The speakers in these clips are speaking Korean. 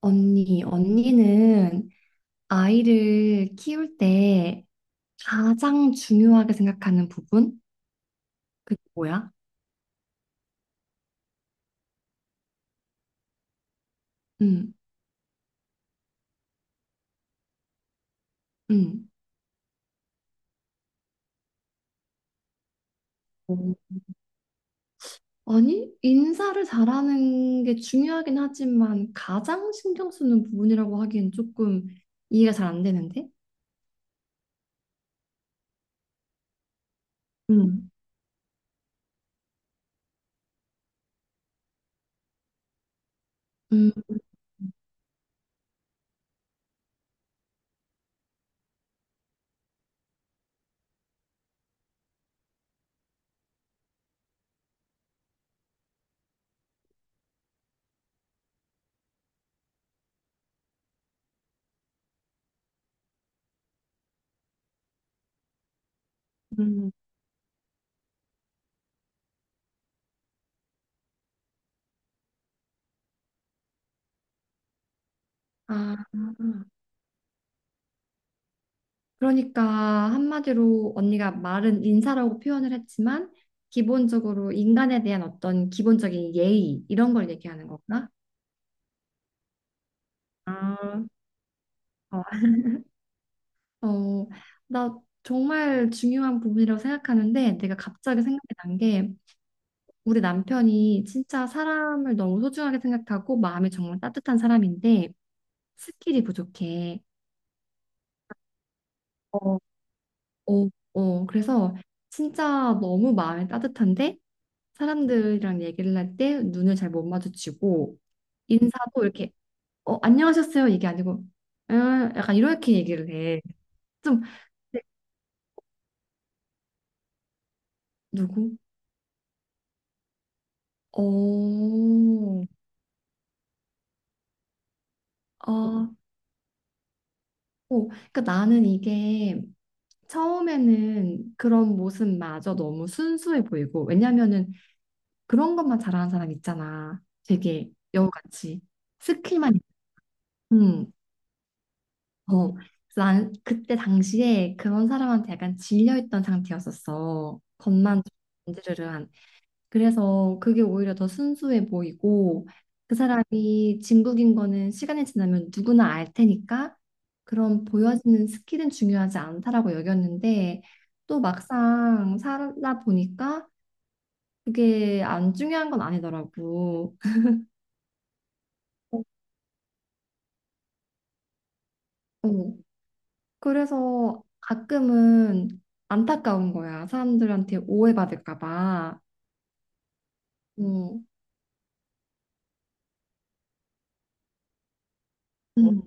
언니, 언니는 아이를 키울 때 가장 중요하게 생각하는 부분? 그게 뭐야? 응, 응. 어, 아니, 인사를 잘하는 게 중요하긴 하지만 가장 신경 쓰는 부분이라고 하기엔 조금 이해가 잘 안 되는데? 응, 응, 응. 아, 그러니까 한마디로 언니가 말은 인사라고 표현을 했지만 기본적으로 인간에 대한 어떤 기본적인 예의 이런 걸 얘기하는 거구나? 아. 어, 어. 나 정말 중요한 부분이라고 생각하는데 내가 갑자기 생각이 난 게, 우리 남편이 진짜 사람을 너무 소중하게 생각하고 마음이 정말 따뜻한 사람인데 스킬이 부족해. 어, 어, 어, 그래서 진짜 너무 마음이 따뜻한데 사람들이랑 얘기를 할 때 눈을 잘 못 마주치고 인사도 이렇게 안녕하셨어요 이게 아니고 약간 이렇게 얘기를 해. 좀. 네. 누구? 어. 어, 오, 그러니까 나는 이게 처음에는 그런 모습마저 너무 순수해 보이고, 왜냐면은 그런 것만 잘하는 사람 있잖아. 되게 여우같이. 스킬만. 음. 어. 그래서 난 그때 당시에 그런 사람한테 약간 질려있던 상태였었어. 겉만 건드르르한. 그래서 그게 오히려 더 순수해 보이고 그 사람이 진국인 거는 시간이 지나면 누구나 알 테니까 그런 보여지는 스킬은 중요하지 않다라고 여겼는데 또 막상 살다 보니까 그게 안 중요한 건 아니더라고. 어, 어. 그래서 가끔은 안타까운 거야. 사람들한테 오해받을까 봐. 어. 음.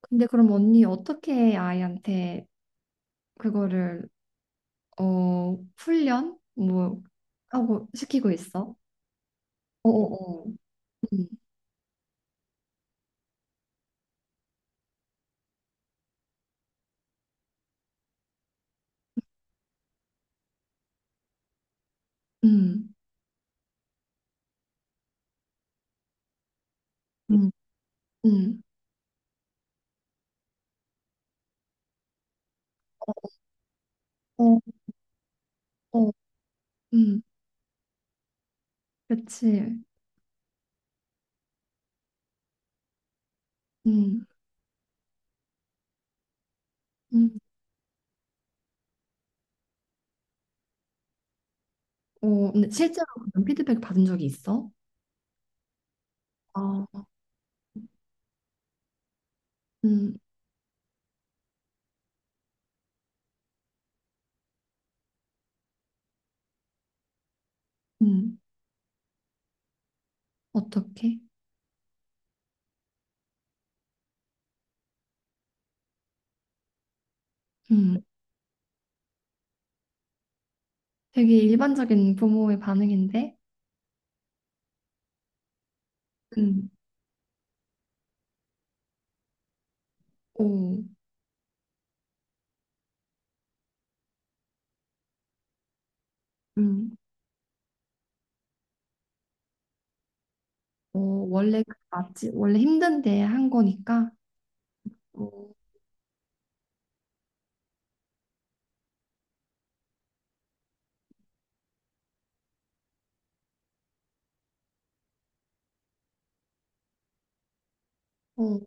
근데 그럼 언니 어떻게 아이한테 그거를 훈련? 뭐, 하고, 시키고 있어. 어어어. 음, 음, 음, 음. 어, 어, 음. 그치. 음, 음. 근데 실제로 그런 피드백 받은 적이 있어? 아. 음, 음. 어떻게? 음. 되게 일반적인 부모의 반응인데? 음. 오. 음. 어, 원래 그 맞지. 원래 힘든데 한 거니까? 어, 어,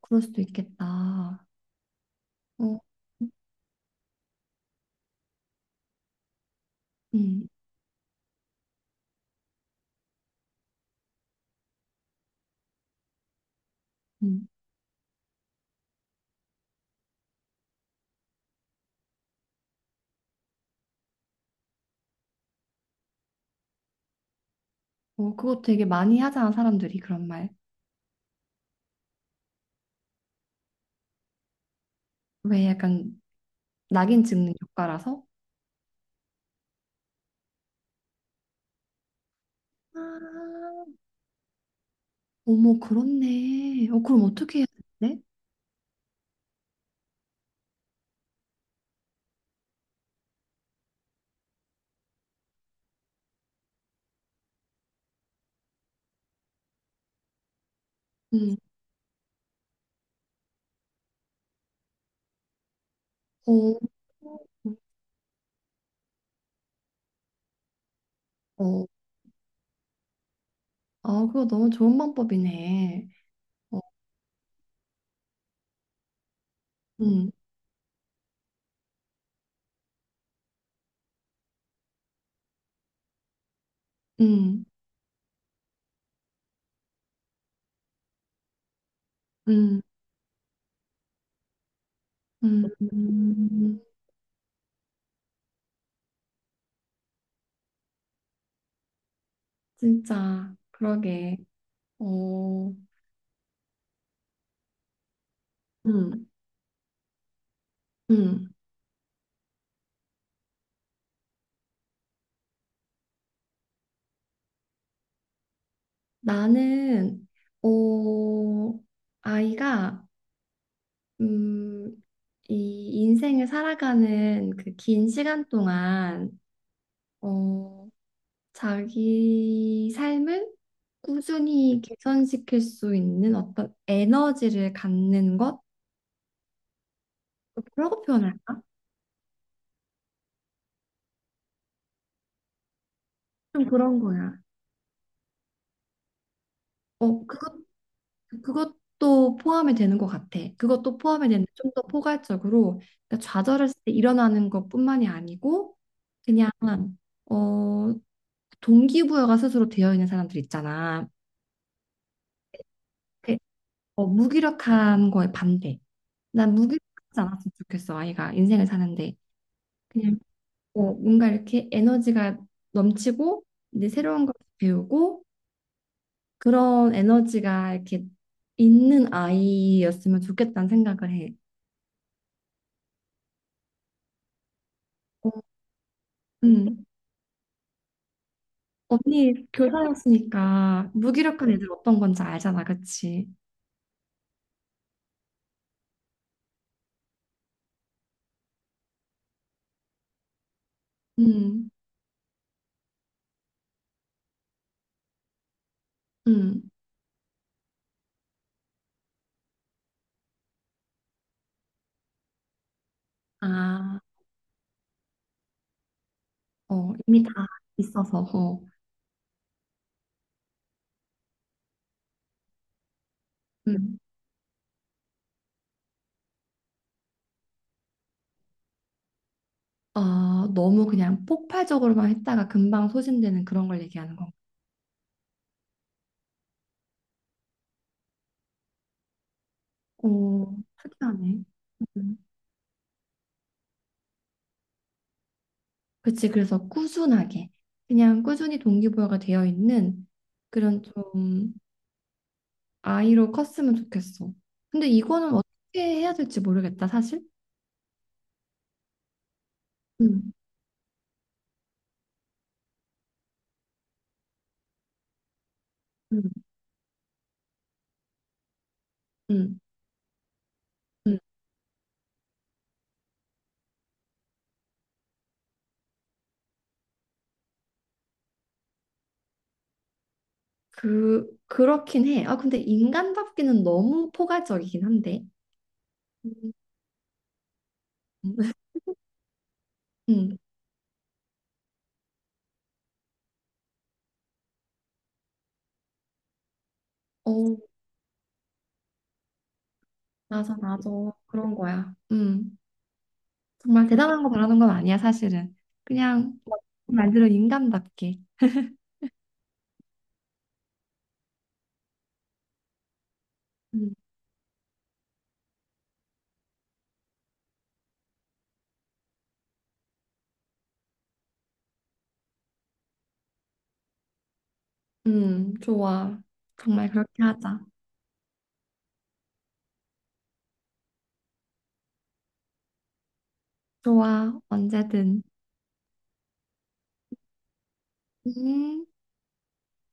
그럴 수도 있겠다. 어. 음, 음. 어, 그거 되게 많이 하잖아, 사람들이 그런 말. 왜 약간 낙인 찍는 효과라서? 아, 어머, 그렇네. 어, 그럼 어떻게 해야 되는데? 음. 어, 어. 아, 그거 너무 좋은 방법이네. 어. 음, 음, 음, 음. 진짜, 그러게. 어. 음, 음. 나는, 어, 아이가 음, 이 인생을 살아가는 그 긴 시간 동안, 어, 자기 삶을 꾸준히 개선시킬 수 있는 어떤 에너지를 갖는 것? 뭐라고 표현할까? 좀 그런 거야. 어, 그것, 그것도 포함이 되는 것 같아. 그것도 포함이 되는데 좀 더 포괄적으로, 그러니까 좌절했을 때 일어나는 것뿐만이 아니고, 그냥, 어, 동기부여가 스스로 되어 있는 사람들 있잖아. 그, 무기력한 거에 반대. 난 무기력하지 않았으면 좋겠어, 아이가 인생을 사는데. 그냥 뭔가 이렇게 에너지가 넘치고, 이제 새로운 걸 배우고, 그런 에너지가 이렇게 있는 아이였으면 좋겠다는 생각을 해. 어. 음. 언니 교사였으니까 무기력한 애들 어떤 건지 알잖아, 그치? 음, 음. 아, 이미 다 있어서. 어. 음. 아, 너무 그냥 폭발적으로만 했다가 금방 소진되는 그런 걸 얘기하는 건가? 오, 특이하네. 음. 그치, 그래서 꾸준하게. 그냥 꾸준히 동기부여가 되어 있는 그런 좀 아이로 컸으면 좋겠어. 근데 이거는 어떻게 해야 될지 모르겠다, 사실. 음, 음, 음, 음. 그렇긴 해. 아, 근데 인간답기는 너무 포괄적이긴 한데. 음, 음. 어, 맞아, 맞아. 그런 거야. 음. 정말 대단한 거 바라는 건 아니야, 사실은. 그냥 말 그대로 인간답게. 음, 좋아. 정말 그렇게 하자. 좋아, 언제든. 음.